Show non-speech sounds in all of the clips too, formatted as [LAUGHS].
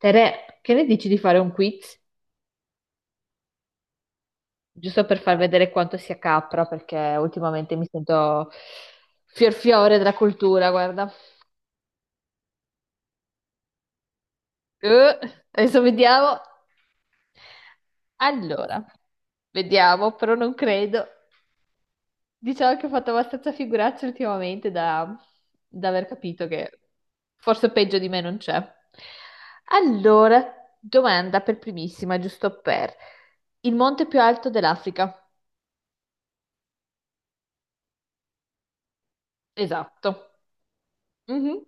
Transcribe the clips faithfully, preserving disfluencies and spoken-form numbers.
Tere, che ne dici di fare un quiz? Giusto per far vedere quanto sia capra, perché ultimamente mi sento fiorfiore della cultura, guarda. Eh, Adesso vediamo. Allora, vediamo, però non credo. Diciamo che ho fatto abbastanza figuracce ultimamente da, da aver capito che forse peggio di me non c'è. Allora, domanda per primissima, giusto per il monte più alto dell'Africa. Esatto. Mhm.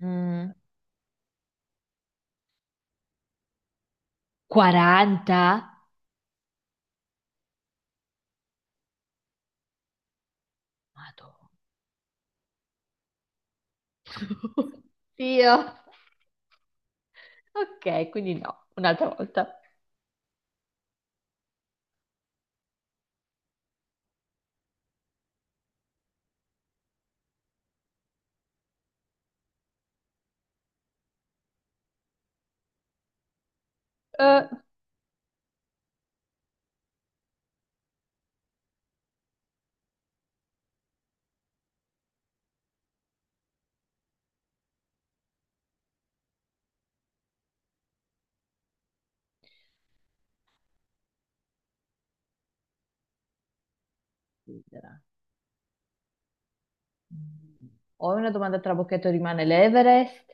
Mm, quaranta? Madonna. [LAUGHS] Dio. Ok, quindi no, un'altra volta. Eh, Considera. Mm. Ho una domanda trabocchetto, rimane l'Everest?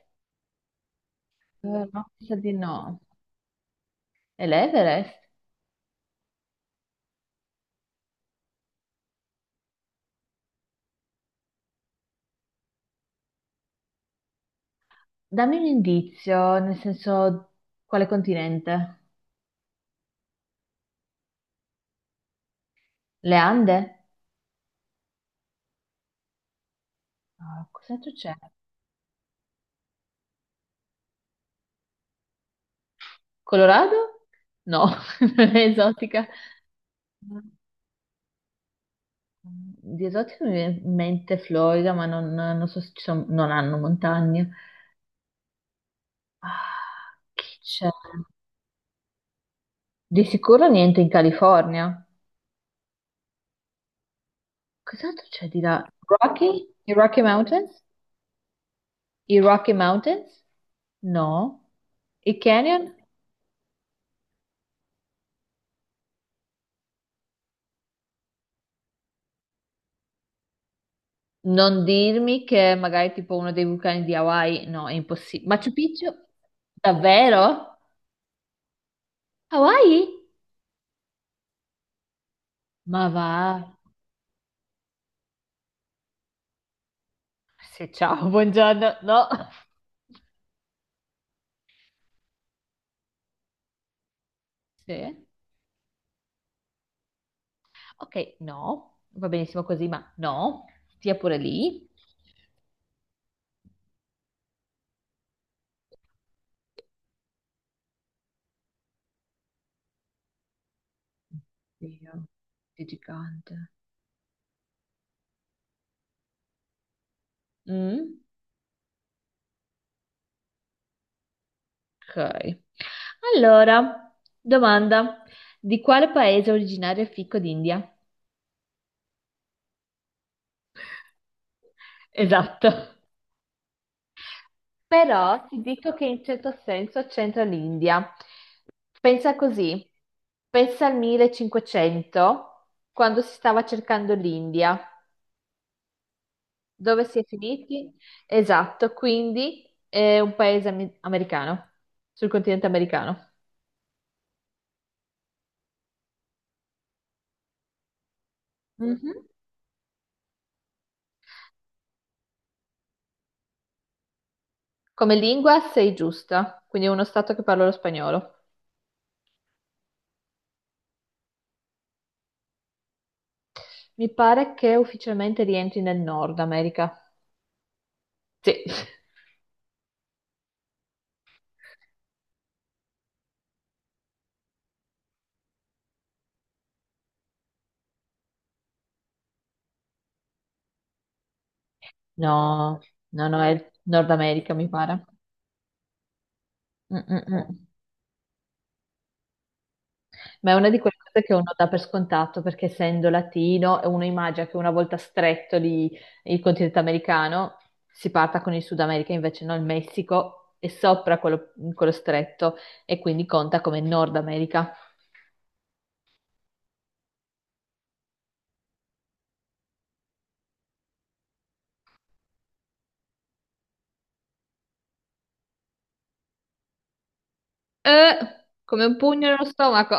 Eh, no. No, mi sa di no. È l'Everest? Dammi un indizio, nel senso, quale continente? Le Ande? Ah, cos'altro c'è? Colorado? No, [LAUGHS] non è esotica. Di esotico mi viene in mente Florida, ma non, non so se ci sono, non hanno montagne. Ah, chi c'è? Di sicuro niente in California. Cos'altro c'è di là? Rocky? I Rocky Mountains? I Rocky Mountains? No. I Canyon? Non dirmi che magari tipo uno dei vulcani di Hawaii, no, è impossibile. Machu Picchu? Davvero? Hawaii? Ma va. Sì, ciao, buongiorno. No. Sì. Ok, no, va benissimo così, ma no, stia pure lì. Dio, che gigante. Mm, ok. Allora, domanda. Di quale paese è originario il fico d'India? Esatto. Però ti dico che in certo senso c'entra l'India. Pensa così, pensa al millecinquecento, quando si stava cercando l'India. Dove si è finiti? Esatto, quindi è un paese ami- americano, sul continente americano. Mhm. Come lingua sei giusta, quindi è uno stato che parla lo spagnolo. Mi pare che ufficialmente rientri nel Nord America. Sì. [LAUGHS] No, no, no, è il Nord America, mi pare. Mm, mm, mm. Ma è una di quelle cose che uno dà per scontato perché essendo latino uno immagina che una volta stretto lì il continente americano si parta con il Sud America, invece no, il Messico è sopra quello, quello stretto e quindi conta come Nord America. Eh, come un pugno nello stomaco.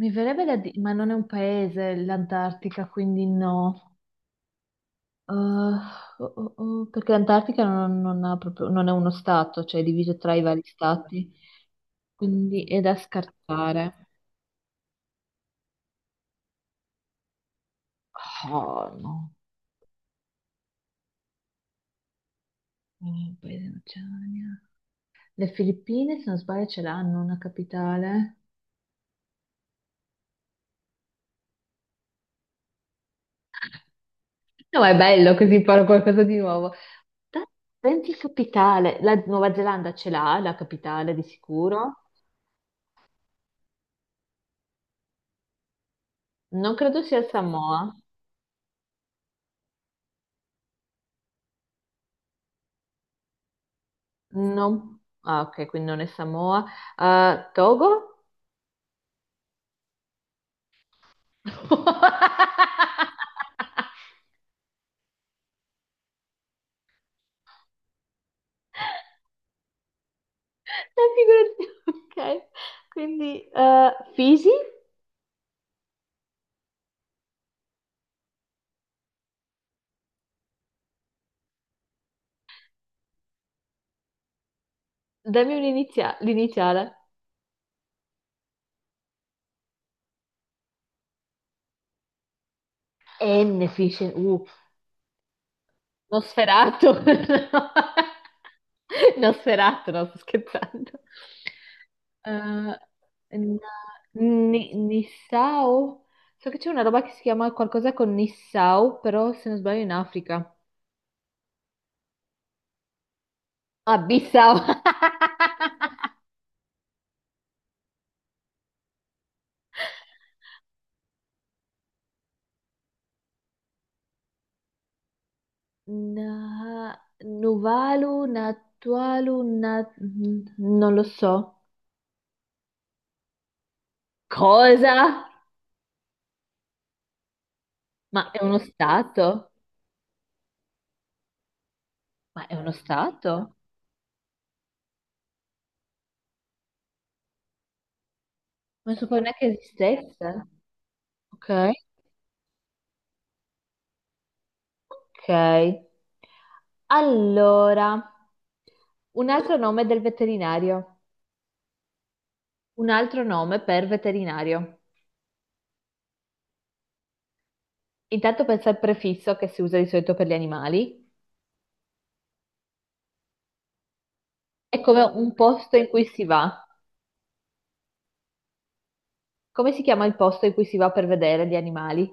Mi verrebbe da dire, ma non è un paese l'Antartica, quindi no. Eh, oh, oh, oh, perché l'Antartica non, non ha proprio, non è uno stato, cioè è diviso tra i vari stati, quindi è da scartare. Oh, no, oh, paese dell'Oceania. Le Filippine, se non sbaglio, ce l'hanno una capitale. No, ma è bello così imparo qualcosa di nuovo. Da- Pensi capitale. La Nuova Zelanda ce l'ha, la capitale di sicuro. Non credo sia Samoa. No. Ah, ok, quindi non è Samoa. Eh, Togo? [LAUGHS] La figura di... Ok, quindi eh, Fiji? Dammi un'inizia- l'iniziale. N Fish and... Uh, Nosferatu. [LAUGHS] No. Nosferatu, no, sto scherzando. Eh, na- Ni- Nissau? So che c'è una roba che si chiama qualcosa con Nissau, però se non sbaglio in Africa. Ah, Bissau. [LAUGHS] Na- Nuvalu, Natualu, Na- non lo so. Cosa? Ma è uno stato? Ma è uno stato? Non sapevo neanche esistesse. Ok. Ok. Allora, un altro nome del veterinario. Un altro nome per veterinario. Intanto pensa al prefisso che si usa di solito per gli animali. È come un posto in cui si va. Come si chiama il posto in cui si va per vedere gli animali?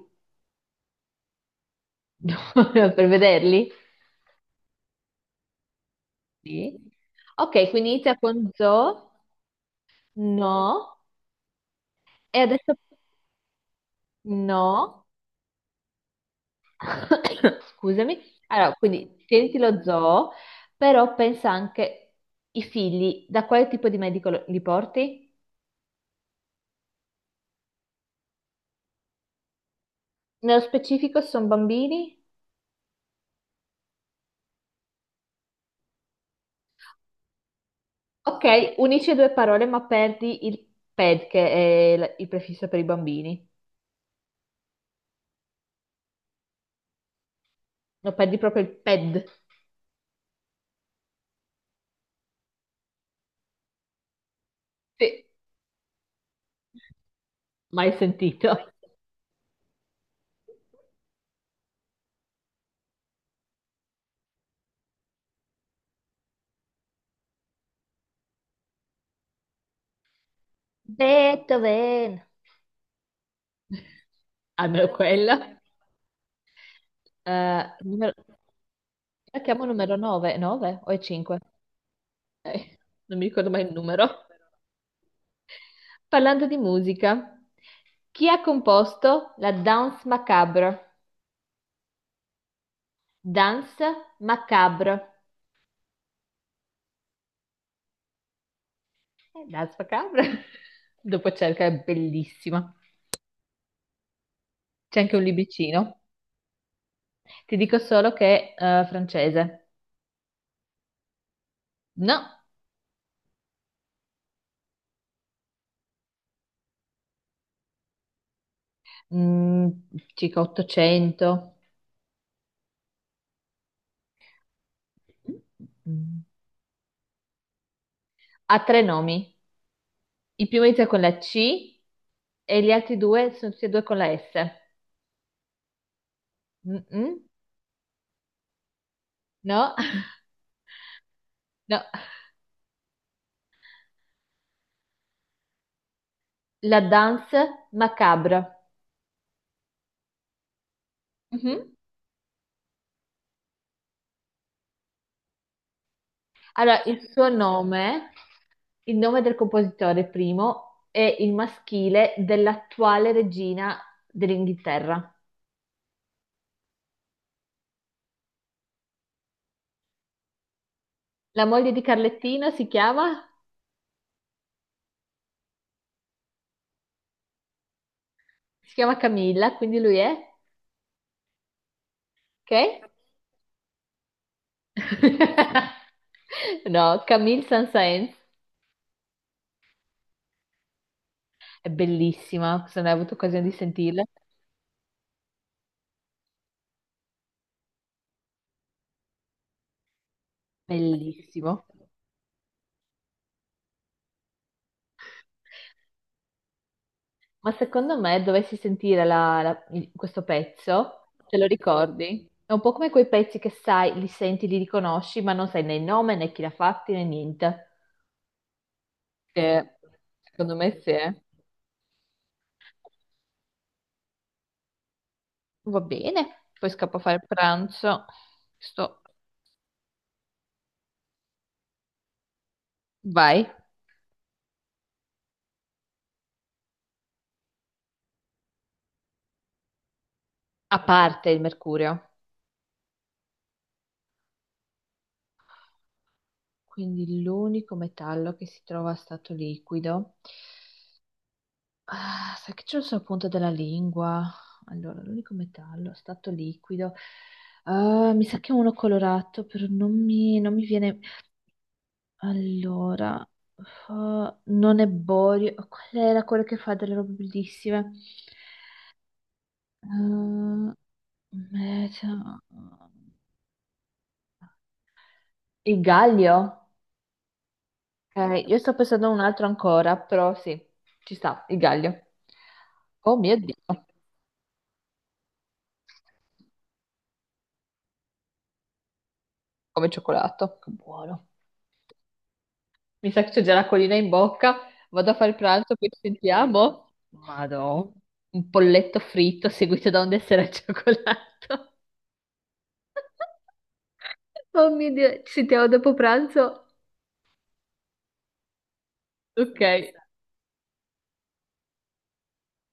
[LAUGHS] Per vederli? Sì. Ok, quindi inizia con zoo. No. E adesso no. [COUGHS] Scusami. Allora, quindi tieniti lo zoo, però pensa anche i figli, da quale tipo di medico lo- li porti? Nello specifico sono bambini? Ok, unisci due parole, ma perdi il ped, che è il il prefisso per i bambini. No, perdi proprio il ped. Sì, mai sentito. Beethoven. Almeno quello. Eh, numero... La chiamo numero nove, nove o è cinque? Non mi ricordo mai il numero. Parlando di musica, chi ha composto la Danse macabre? Danse macabre. Eh, Danse macabre? [LAUGHS] Dopo cerca, è bellissima. C'è anche un libricino. Ti dico solo che è eh, francese. No, Mm, circa ottocento. Mm. Ha tre nomi. Il primo inizia con la C e gli altri due sono tutti e due con la S. Mm-mm. No, [LAUGHS] no. La Danse macabre. Mhm. Allora, il suo nome, il nome del compositore primo, è il maschile dell'attuale regina dell'Inghilterra. La moglie di Carlettino si chiama? Si chiama Camilla, quindi lui è? Ok? [LAUGHS] No, Camille Saint-Saëns. È bellissima, se non hai avuto occasione di sentirla. Bellissimo. Ma secondo me dovessi sentire la- la- il- questo pezzo, te lo ricordi? È un po' come quei pezzi che sai, li senti, li riconosci, ma non sai né il nome né chi l'ha fatti né niente. Che secondo me sì. Eh. Va bene, poi scappo a fare il pranzo. Sto... Vai. A parte il mercurio. Quindi l'unico metallo che si trova a stato liquido. Ah, sai che c'è sul punto della lingua. Allora, l'unico metallo, stato liquido. Ah, mi sa che è uno colorato, però non mi, non mi viene. Allora, ah, non è borio. Qual era quello che fa delle robe bellissime? Ah, meta- ah. Il Gallio? Ok, io sto pensando a un altro ancora, però sì, ci sta, il Gallio. Oh mio Dio, come cioccolato, che buono. Mi sa che c'è già la colina in bocca. Vado a fare pranzo, poi ci sentiamo. Madò. Un polletto fritto seguito da un dessert al cioccolato. [LAUGHS] Oh mio Dio, ci sentiamo dopo pranzo. Ok.